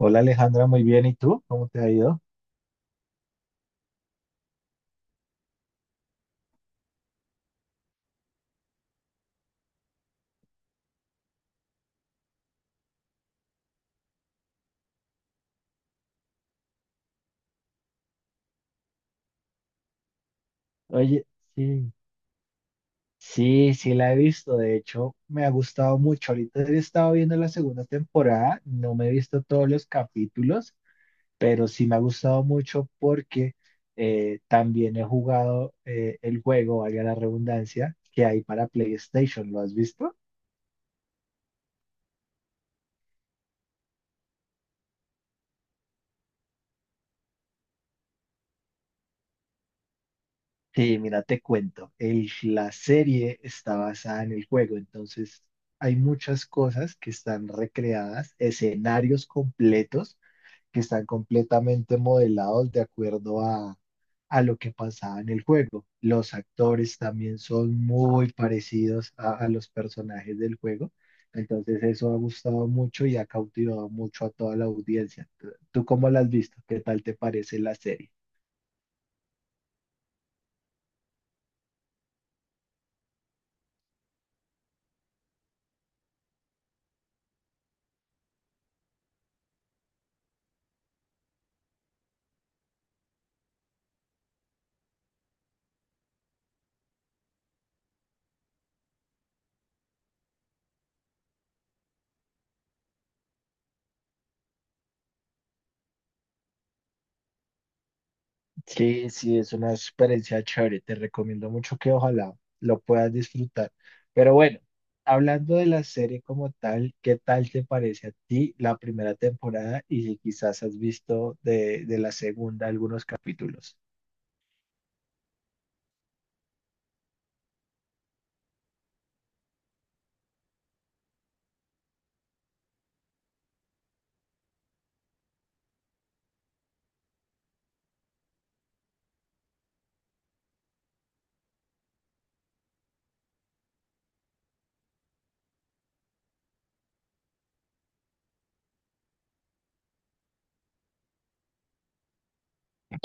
Hola Alejandra, muy bien. ¿Y tú? ¿Cómo te ha ido? Oye, sí, sí, la he visto. De hecho, me ha gustado mucho. Ahorita he estado viendo la segunda temporada. No me he visto todos los capítulos, pero sí me ha gustado mucho porque también he jugado, el juego, valga la redundancia, que hay para PlayStation. ¿Lo has visto? Sí, mira, te cuento, la serie está basada en el juego, entonces hay muchas cosas que están recreadas, escenarios completos que están completamente modelados de acuerdo a lo que pasaba en el juego. Los actores también son muy parecidos a los personajes del juego, entonces eso ha gustado mucho y ha cautivado mucho a toda la audiencia. ¿¿Tú cómo la has visto? ¿Qué tal te parece la serie? Sí, sí, es una experiencia chévere. Te recomiendo mucho que ojalá lo puedas disfrutar. Pero bueno, hablando de la serie como tal, ¿qué tal te parece a ti la primera temporada y si quizás has visto de la segunda algunos capítulos?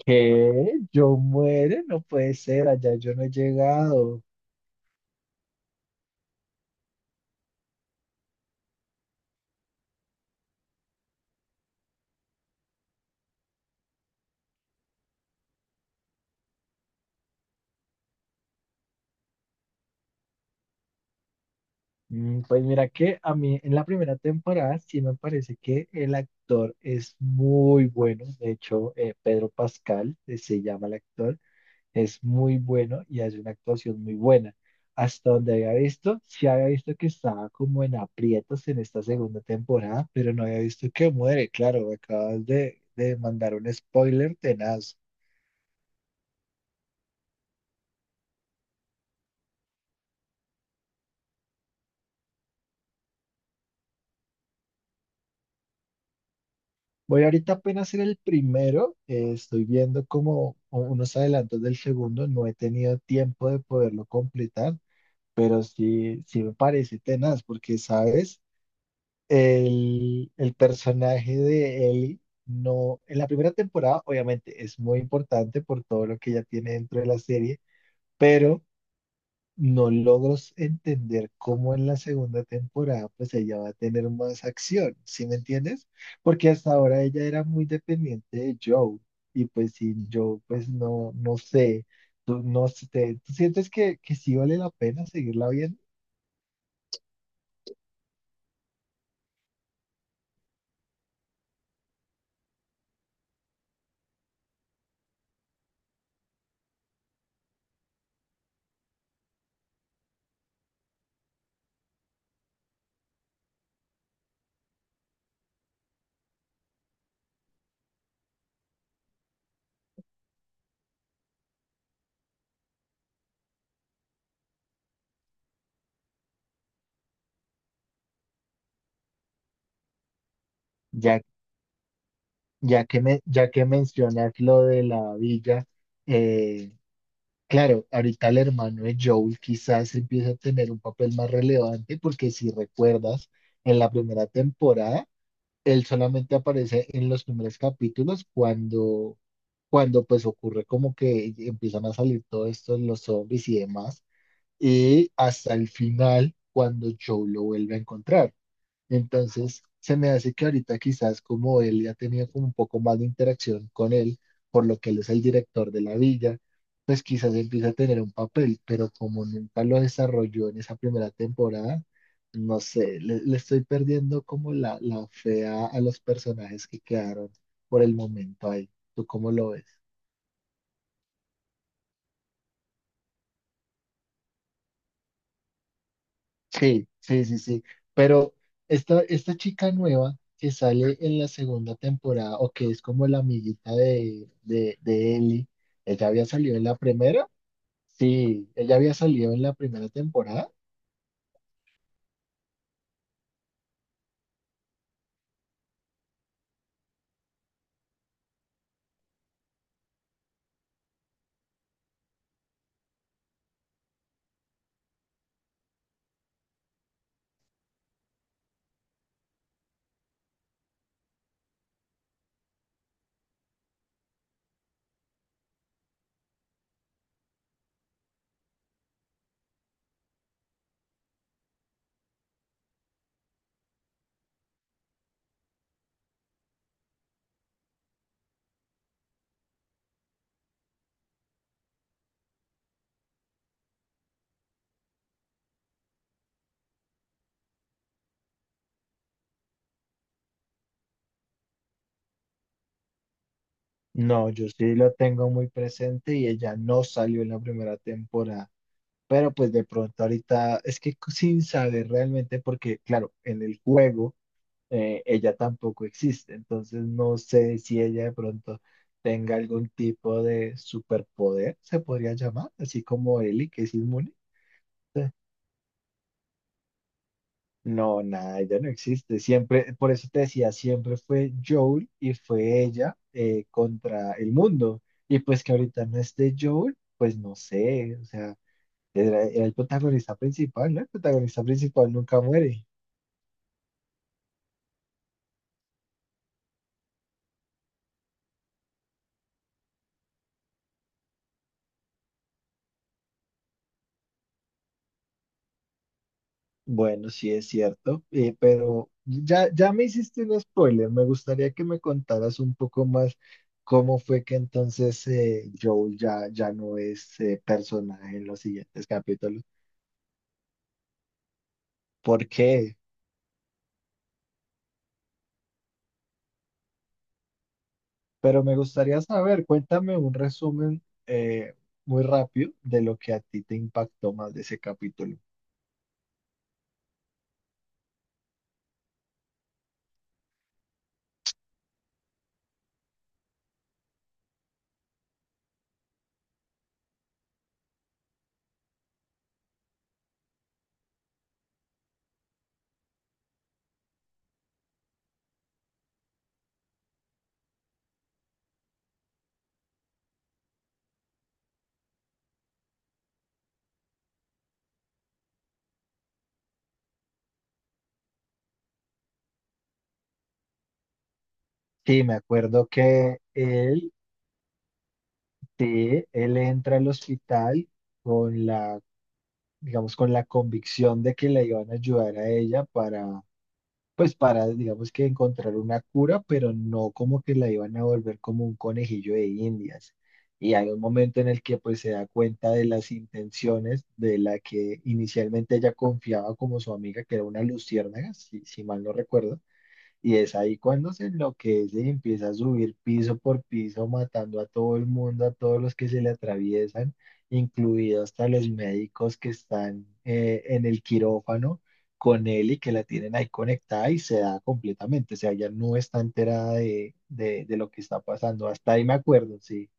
¿Qué? ¿Yo muero? No puede ser, allá yo no he llegado. Pues mira que a mí en la primera temporada sí me parece que el actor es muy bueno. De hecho, Pedro Pascal, se llama el actor. Es muy bueno y hace una actuación muy buena. Hasta donde había visto, sí había visto que estaba como en aprietos en esta segunda temporada, pero no había visto que muere. Claro, me acabas de mandar un spoiler tenaz. Voy ahorita apenas a hacer el primero, estoy viendo como unos adelantos del segundo, no he tenido tiempo de poderlo completar, pero sí, sí me parece tenaz, porque sabes, el personaje de Ellie no, en la primera temporada obviamente es muy importante por todo lo que ella tiene dentro de la serie, pero no logro entender cómo en la segunda temporada pues ella va a tener más acción, ¿sí me entiendes? Porque hasta ahora ella era muy dependiente de Joe y pues sin Joe pues no, no sé, tú, no sé, ¿tú sientes que sí vale la pena seguirla viendo? Ya que mencionas lo de la villa, eh, claro, ahorita el hermano de Joel quizás empieza a tener un papel más relevante, porque si recuerdas, en la primera temporada, él solamente aparece en los primeros capítulos cuando pues ocurre como que empiezan a salir todo esto, los zombies y demás, y hasta el final, cuando Joel lo vuelve a encontrar. Entonces, se me hace que ahorita quizás como él ya tenía como un poco más de interacción con él, por lo que él es el director de la villa, pues quizás empieza a tener un papel, pero como nunca lo desarrolló en esa primera temporada, no sé, le estoy perdiendo como la fe a los personajes que quedaron por el momento ahí. ¿Tú cómo lo ves? Sí, sí, sí, sí. Pero esta chica nueva que sale en la segunda temporada, o que es como la amiguita de Ellie, ¿ella había salido en la primera? Sí, ella había salido en la primera temporada. No, yo sí lo tengo muy presente y ella no salió en la primera temporada. Pero pues de pronto ahorita, es que sin saber realmente, porque claro, en el juego. Ella tampoco existe. Entonces no sé si ella de pronto tenga algún tipo de superpoder, se podría llamar, así como Ellie, que es inmune. Eh, No, nada, ella no existe. Siempre, por eso te decía, siempre fue Joel y fue ella, contra el mundo. Y pues que ahorita no esté Joel, pues no sé, o sea, era el protagonista principal, ¿no? El protagonista principal nunca muere. Bueno, sí es cierto, pero ya, ya me hiciste un spoiler. Me gustaría que me contaras un poco más cómo fue que entonces, Joel ya, ya no es, personaje en los siguientes capítulos. ¿Por qué? Pero me gustaría saber, cuéntame un resumen, muy rápido de lo que a ti te impactó más de ese capítulo. Sí, me acuerdo que él, sí, él entra al hospital, con la, digamos, con la convicción de que la iban a ayudar a ella para, pues para, digamos que encontrar una cura, pero no como que la iban a volver como un conejillo de Indias. Y hay un momento en el que pues se da cuenta de las intenciones de la que inicialmente ella confiaba como su amiga, que era una luciérnaga, si, si mal no recuerdo, y es ahí cuando se enloquece y empieza a subir piso por piso, matando a todo el mundo, a todos los que se le atraviesan, incluidos hasta los médicos que están, en el quirófano con él y que la tienen ahí conectada y se da completamente. O sea, ella no está enterada de lo que está pasando. Hasta ahí me acuerdo, sí.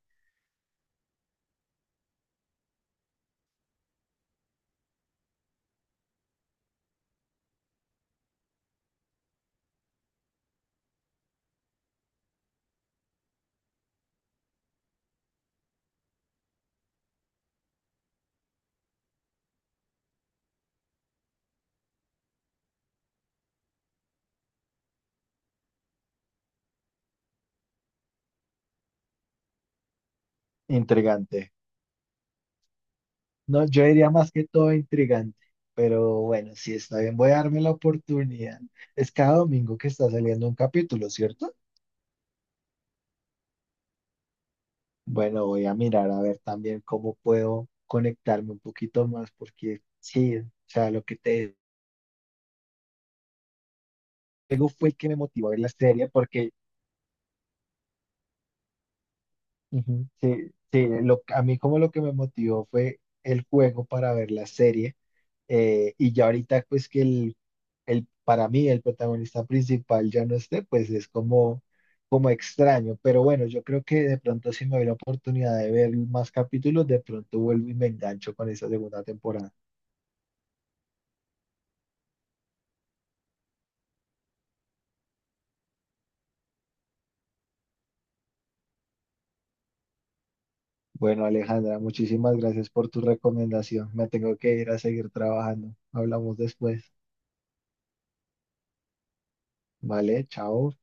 Intrigante. No, yo diría más que todo intrigante. Pero bueno, sí está bien, voy a darme la oportunidad. Es cada domingo que está saliendo un capítulo, ¿cierto? Bueno, voy a mirar a ver también cómo puedo conectarme un poquito más, porque sí, o sea, lo que te digo fue el que me motivó a ver la serie, porque Ujú. Sí, sí, lo, a mí como lo que me motivó fue el juego para ver la serie, y ya ahorita pues que el, para mí el protagonista principal ya no esté, pues es como, como extraño, pero bueno, yo creo que de pronto si me doy la oportunidad de ver más capítulos, de pronto vuelvo y me engancho con esa segunda temporada. Bueno, Alejandra, muchísimas gracias por tu recomendación. Me tengo que ir a seguir trabajando. Hablamos después. Vale, chao.